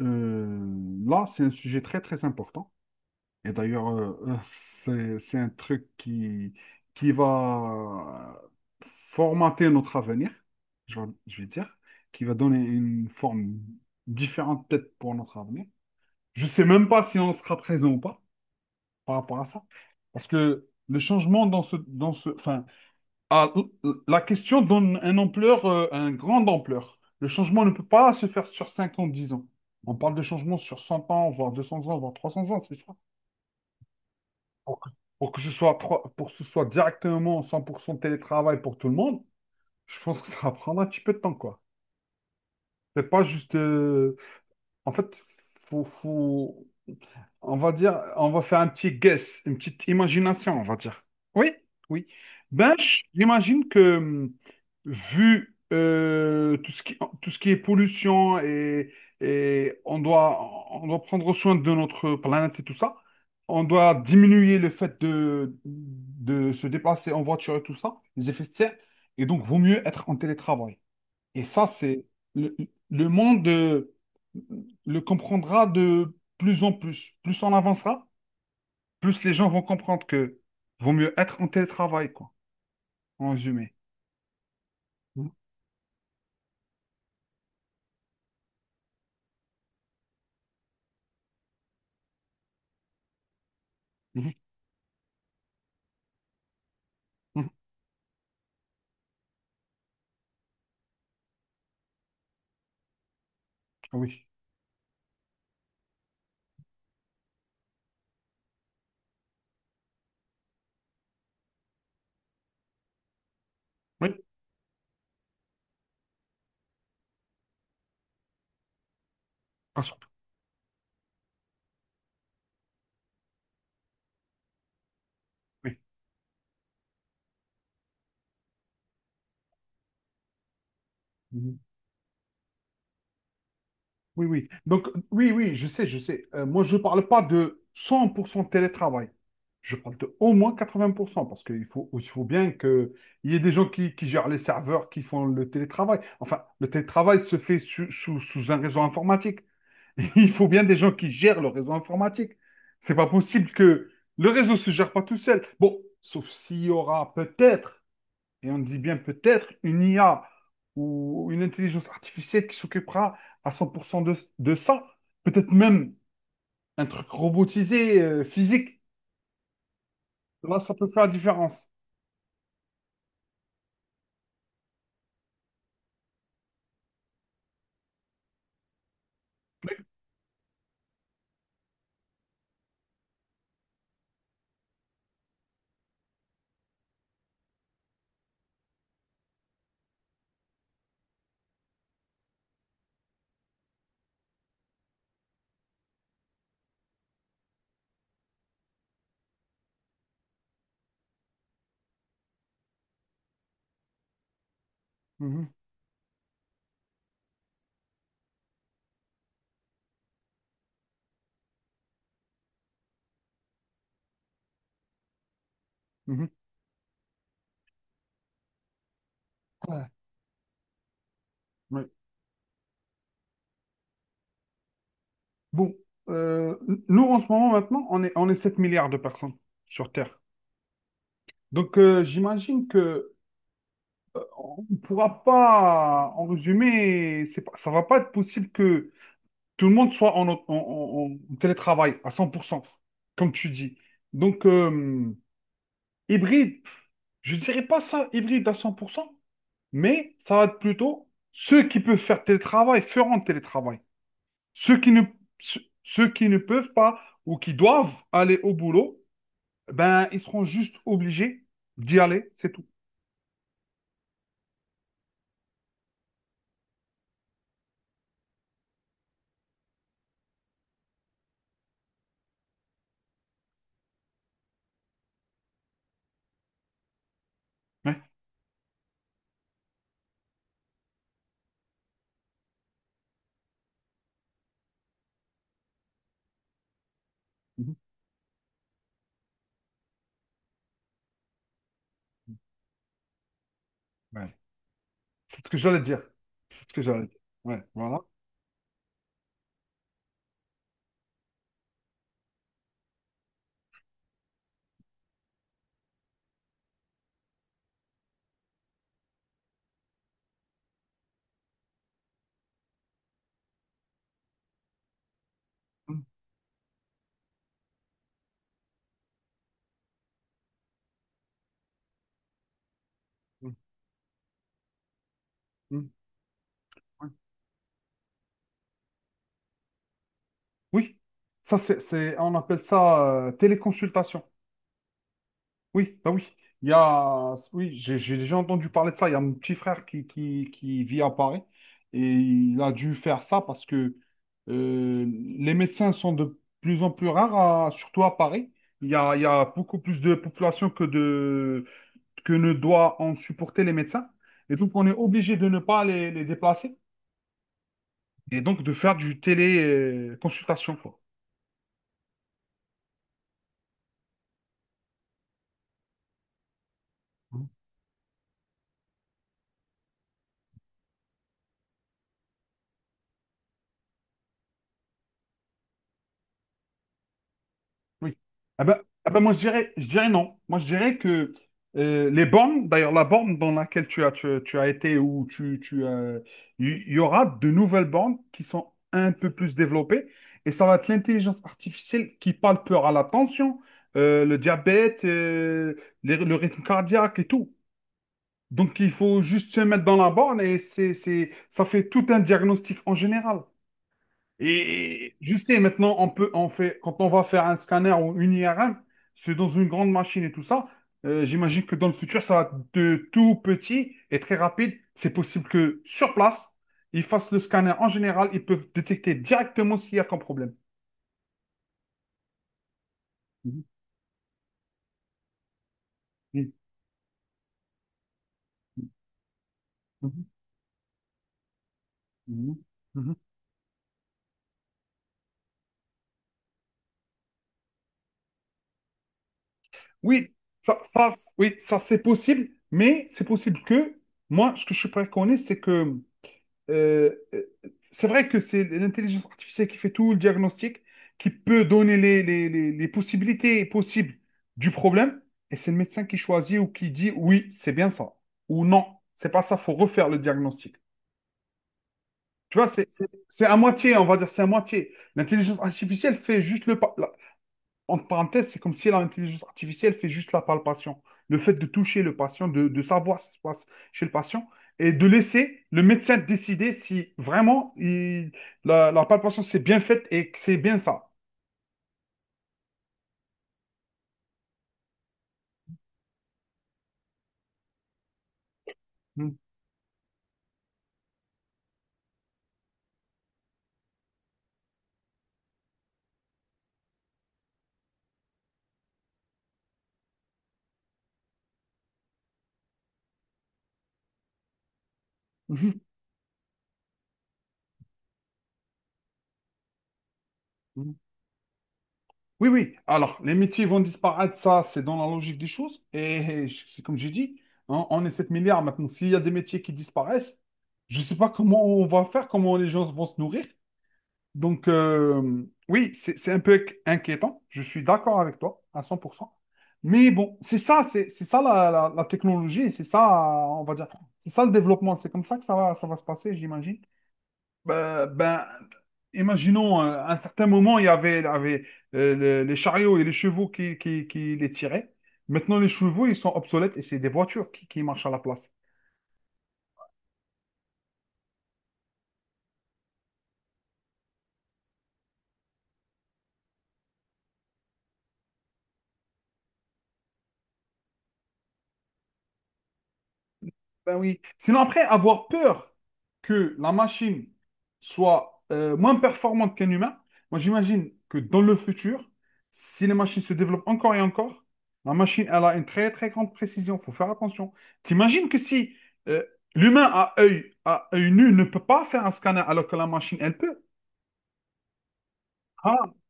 Là, c'est un sujet très, très important. Et d'ailleurs, c'est un truc qui va formater notre avenir, je vais dire, qui va donner une forme différente peut-être pour notre avenir. Je ne sais même pas si on sera présent ou pas par rapport à ça. Parce que le changement dans ce, enfin, ah, l- la question donne un ampleur, un grande ampleur. Le changement ne peut pas se faire sur 5 ans, 10 ans. On parle de changement sur 100 ans, voire 200 ans, voire 300 ans, c'est ça. Pour que, pour que ce soit directement 100% télétravail pour tout le monde, je pense que ça va prendre un petit peu de temps, quoi. C'est pas juste... En fait, faut, faut- On va dire, on va faire un petit guess, une petite imagination, on va dire. Oui, oui. Ben, j'imagine que, vu tout ce tout ce qui est pollution et on doit prendre soin de notre planète et tout ça, on doit diminuer le fait de se déplacer en voiture et tout ça, les effets de serre, et donc vaut mieux être en télétravail. Et ça, c'est le, le monde le comprendra de plus en plus. Plus on avancera, plus les gens vont comprendre que vaut mieux être en télétravail, quoi, en résumé. Mhm, mhm, mhm. Ah oui, oui, pas sûr. Oui. Mhm. Oui, oui. Donc, oui, oui, je sais, je sais. Moi, je ne parle pas de 100% télétravail. Je parle de au moins 80%, parce il faut bien qu'il y ait des gens qui gèrent les serveurs, qui font le télétravail. Enfin, le télétravail se fait sous un réseau informatique. Il faut bien des gens qui gèrent le réseau informatique. C'est pas possible que le réseau se gère pas tout seul. Bon, sauf s'il y aura peut-être et on dit bien peut-être une IA ou une intelligence artificielle qui s'occupera à 100% de ça. Peut-être même un truc robotisé, physique. Là, ça peut faire la différence. Oui. Mhm, mhm. Ouais. Ouais. Bon, euh, nous en ce moment maintenant, on est 7 milliards de personnes sur Terre. Donc j'imagine que on ne pourra pas, en résumé, c'est pas- ça ne va pas être possible que tout le monde soit en télétravail à 100%, comme tu dis. Donc, hybride, je dirais pas ça hybride à 100%, mais ça va être plutôt ceux qui peuvent faire télétravail feront télétravail. Ceux qui ne, ceux qui ne peuvent pas ou qui doivent aller au boulot, ben, ils seront juste obligés d'y aller, c'est tout. Ouais. Mhm. Ouais. C'est ce que j'allais dire. C'est ce que j'allais dire. Ouais, voilà. Mhm. Mhm. Oui, on appelle ça téléconsultation. Oui, bah oui. Il y a, oui, j'ai déjà entendu parler de ça. Il y a mon petit frère qui vit à Paris et il a dû faire ça parce que euh, les médecins sont de plus en plus rares, surtout à Paris. Il y a beaucoup plus de population que de que ne doit en supporter les médecins. Et donc on est obligé de ne pas les déplacer et donc de faire du téléconsultation, quoi. Oui. Ah ben, ah ben moi, je dirais non. Moi, je dirais que les bornes, d'ailleurs, la borne dans laquelle tu as été ou il y aura de nouvelles bornes qui sont un peu plus développées et ça va être l'intelligence artificielle qui parle peur à la tension, le diabète, le rythme cardiaque et tout. Donc, il faut juste se mettre dans la borne et ça fait tout un diagnostic en général. Et je sais, maintenant, on fait, quand on va faire un scanner ou une IRM, c'est dans une grande machine et tout ça. J'imagine que dans le futur, ça va être de tout petit et très rapide. C'est possible que sur place, ils fassent le scanner. En général, ils peuvent détecter directement s'il y a comme problème. Mhm, mhm, mhm, mhm, mhm. Oui, oui, ça c'est possible, mais c'est possible que moi, ce que je préconise, c'est que Euh, euh, c'est vrai que c'est l'intelligence artificielle qui fait tout le diagnostic, qui peut donner les possibilités possibles du problème, et c'est le médecin qui choisit ou qui dit oui, c'est bien ça, ou non, c'est pas ça, faut refaire le diagnostic. Tu vois, c'est à moitié, on va dire, c'est à moitié. L'intelligence artificielle fait juste le pas entre parenthèses, c'est comme si l'intelligence artificielle fait juste la palpation. Le fait de toucher le patient, de savoir ce qui se passe chez le patient et de laisser le médecin décider si vraiment la palpation s'est bien faite et que c'est bien ça. Mm. Mhm. Mhm. Oui, oui. Alors, les métiers vont disparaître, ça, c'est dans la logique des choses. Et c'est comme j'ai dit, hein, on est 7 milliards maintenant. S'il y a des métiers qui disparaissent, je ne sais pas comment on va faire, comment les gens vont se nourrir. Donc, oui, c'est un peu inquiétant. Je suis d'accord avec toi à cent pour cent. Mais bon, c'est ça, la technologie, c'est ça, on va dire, c'est ça le développement. C'est comme ça que ça va se passer, j'imagine. Ben, ben, imaginons, à un certain moment, il y avait, les chariots et les chevaux qui les tiraient. Maintenant, les chevaux, ils sont obsolètes et c'est des voitures qui marchent à la place. Ben oui. Sinon, après, avoir peur que la machine soit moins performante qu'un humain, moi j'imagine que dans le futur, si les machines se développent encore et encore, la machine, elle a une très très grande précision. Il faut faire attention. T'imagines que si euh, l'humain à œil nu ne peut pas faire un scanner alors que la machine, elle peut. Ah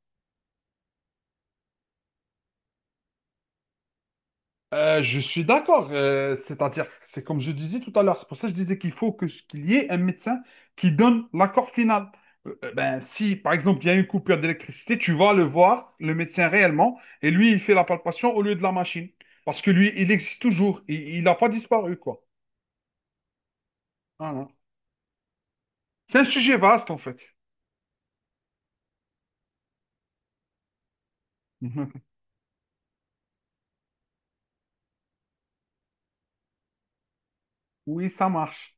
Je suis d'accord. C'est-à-dire, c'est comme je disais tout à l'heure, c'est pour ça que je disais ce qu'il y ait un médecin qui donne l'accord final. Ben, si, par exemple, il y a une coupure d'électricité, tu vas le voir, le médecin réellement, et lui, il fait la palpation au lieu de la machine. Parce que lui, il existe toujours. Il n'a pas disparu, quoi. Voilà. C'est un sujet vaste, en fait. Oui, ça marche.